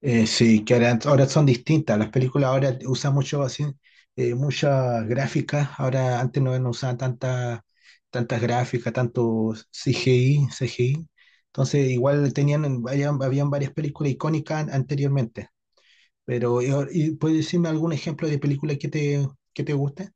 Sí, que ahora son distintas. Las películas ahora usan mucho así, muchas gráficas. Ahora antes no usaban tantas gráficas, tanto CGI, CGI. Entonces igual tenían, habían varias películas icónicas anteriormente. Y ¿puedes decirme algún ejemplo de película que te guste?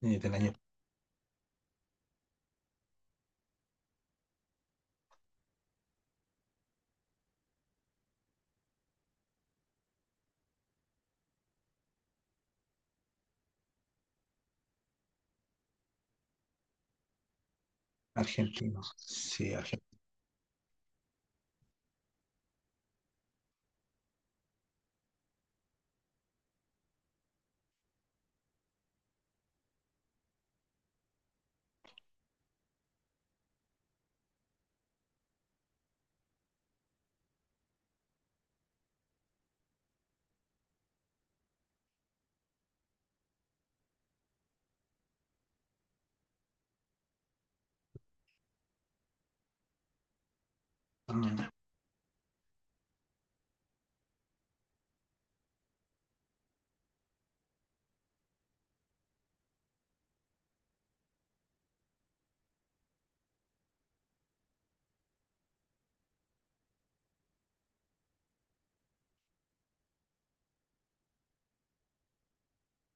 Del año argentino. Sí, argentino.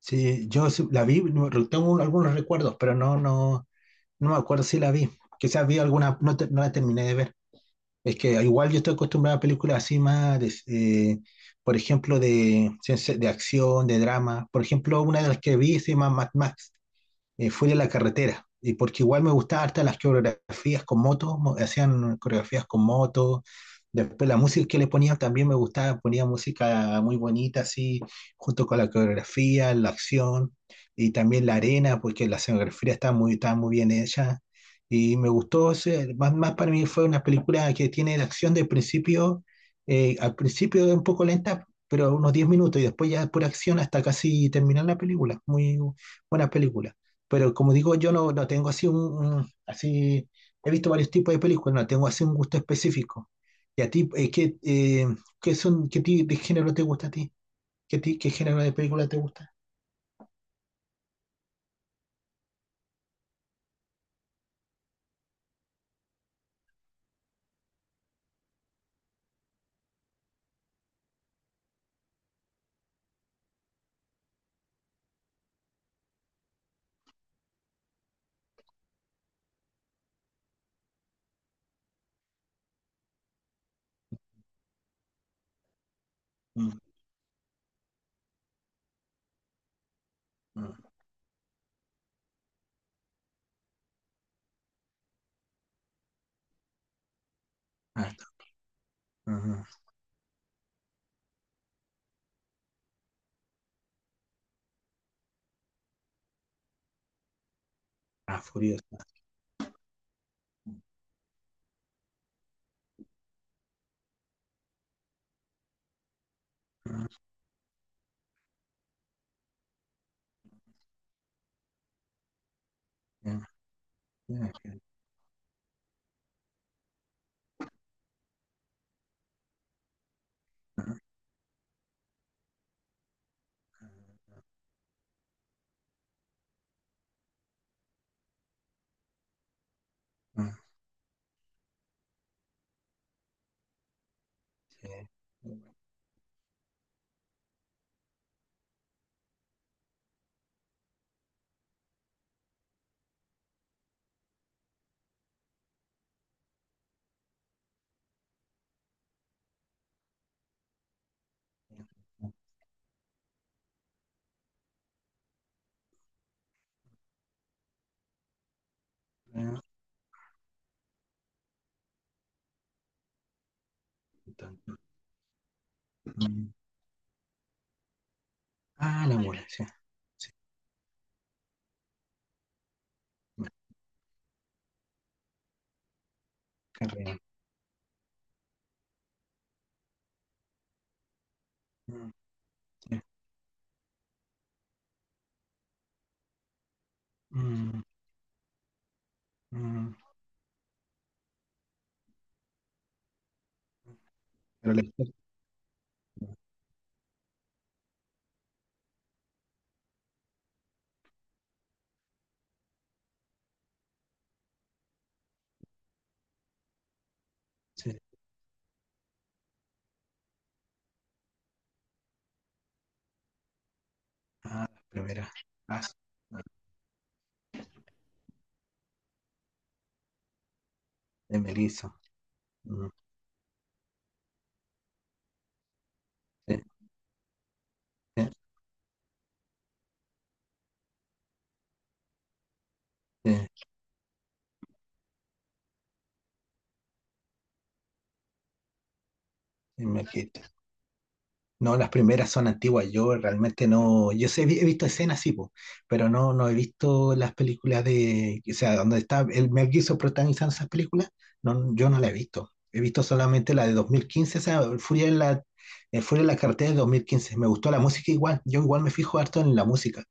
Sí, yo sí la vi, tengo algunos recuerdos, pero no me acuerdo si la vi. Quizás vi alguna, no, no la terminé de ver. Es que igual yo estoy acostumbrado a películas así por ejemplo, de acción, de drama. Por ejemplo, una de las que vi se llama Mad Max fuera de la carretera, y porque igual me gustaba harta las coreografías con motos, hacían coreografías con motos, después la música que le ponían también me gustaba, ponía música muy bonita así, junto con la coreografía, la acción, y también la arena, porque la escenografía estaba muy bien hecha, y me gustó, más para mí fue una película que tiene la acción del principio, al principio es un poco lenta, pero unos 10 minutos, y después ya por acción hasta casi terminar la película, muy buena película. Pero como digo, yo no, no tengo así así, he visto varios tipos de películas, no tengo así un gusto específico. ¿Y a ti, qué son, qué tipo de género te gusta a ti? ¿Qué, qué género de película te gusta? Mm, mm, ah, está. Ajá. Ah, Furiosa. Ah, ya, ya, ya, ah, ah, sí. Ah, tanto. Mm. Ah, la mula, sí. Sí, me carrera. Mm, sí, mm, mm. Pero la sí. Ah, la primera. Ah, sí, ah, de Melissa. Mm, Sí, sí, sí, sí, me dijiste. No, las primeras son antiguas. Yo realmente no. Yo sé, he visto escenas, sí, po, pero no, no he visto las películas de. O sea, donde está el Mel Gibson protagonizando esas películas. No, yo no la he visto. He visto solamente la de 2015, o sea, Furia en la carretera de 2015. Me gustó la música igual. Yo igual me fijo harto en la música.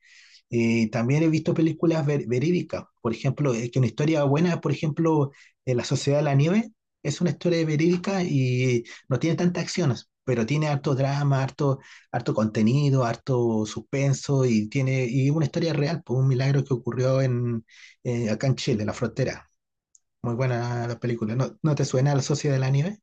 También he visto películas verídicas. Por ejemplo, que una historia buena, por ejemplo, La Sociedad de la Nieve es una historia verídica y no tiene tantas acciones, pero tiene harto drama, harto contenido, harto suspenso y tiene y una historia real, pues, un milagro que ocurrió en, acá en Chile, en la frontera. Muy buena la película. ¿No, no te suena La Sociedad de la Nieve?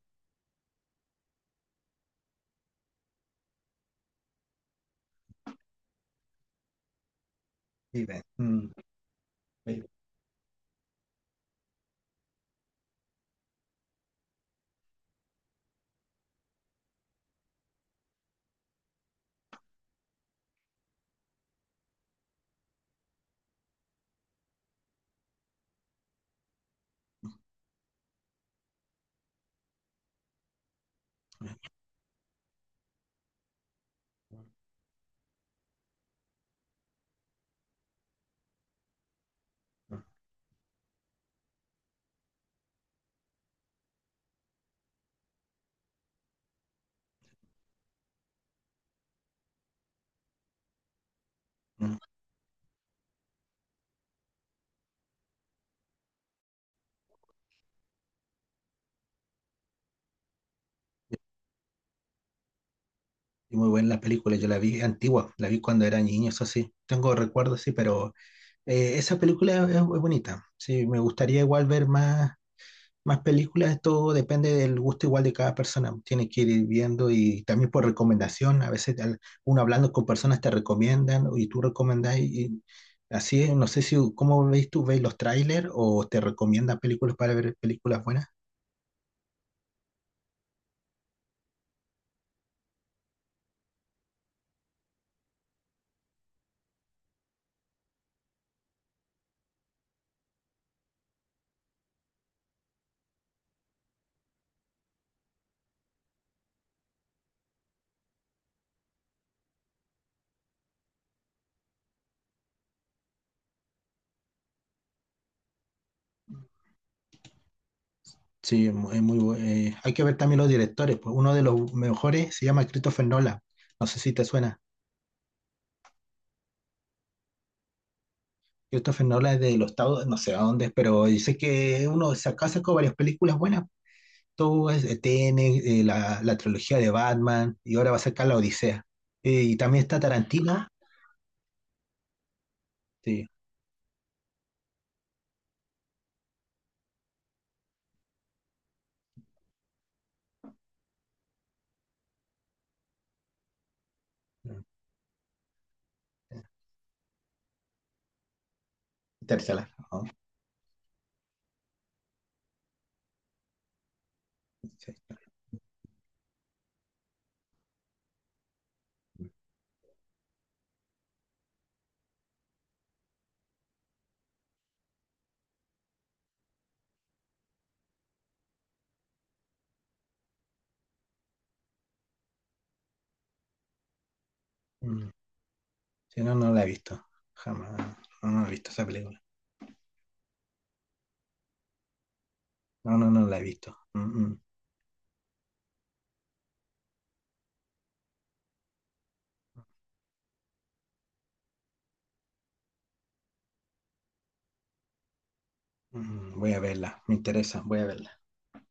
Sí, ve. Mm, ve. Mm. Y muy buena la película, yo la vi antigua, la vi cuando era niño, eso sí. Tengo recuerdos, sí, pero esa película es bonita. Sí, me gustaría igual ver más, más películas. Todo depende del gusto igual de cada persona. Tiene que ir viendo y también por recomendación. A veces uno hablando con personas te recomiendan y tú recomendás y así es. No sé si cómo veis tú, veis los trailers o te recomiendan películas para ver películas buenas. Sí, es mu- es muy, bu- hay que ver también los directores. Pues uno de los mejores se llama Christopher Nolan. No sé si te suena. Christopher Nolan es de los Estados, no sé a dónde, es, pero dice que uno saca sacó varias películas buenas. Todo es TN la, la trilogía de Batman, y ahora va a sacar La Odisea. Y también está Tarantino. Sí, mm, Interstellar. ¿No? Sí. Mm, sí, no, no la he visto. Jamás. No, no he visto esa película. No la he visto. Mm, mm, mm, voy a verla. Me interesa. Voy a verla.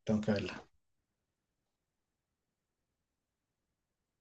Tengo que verla.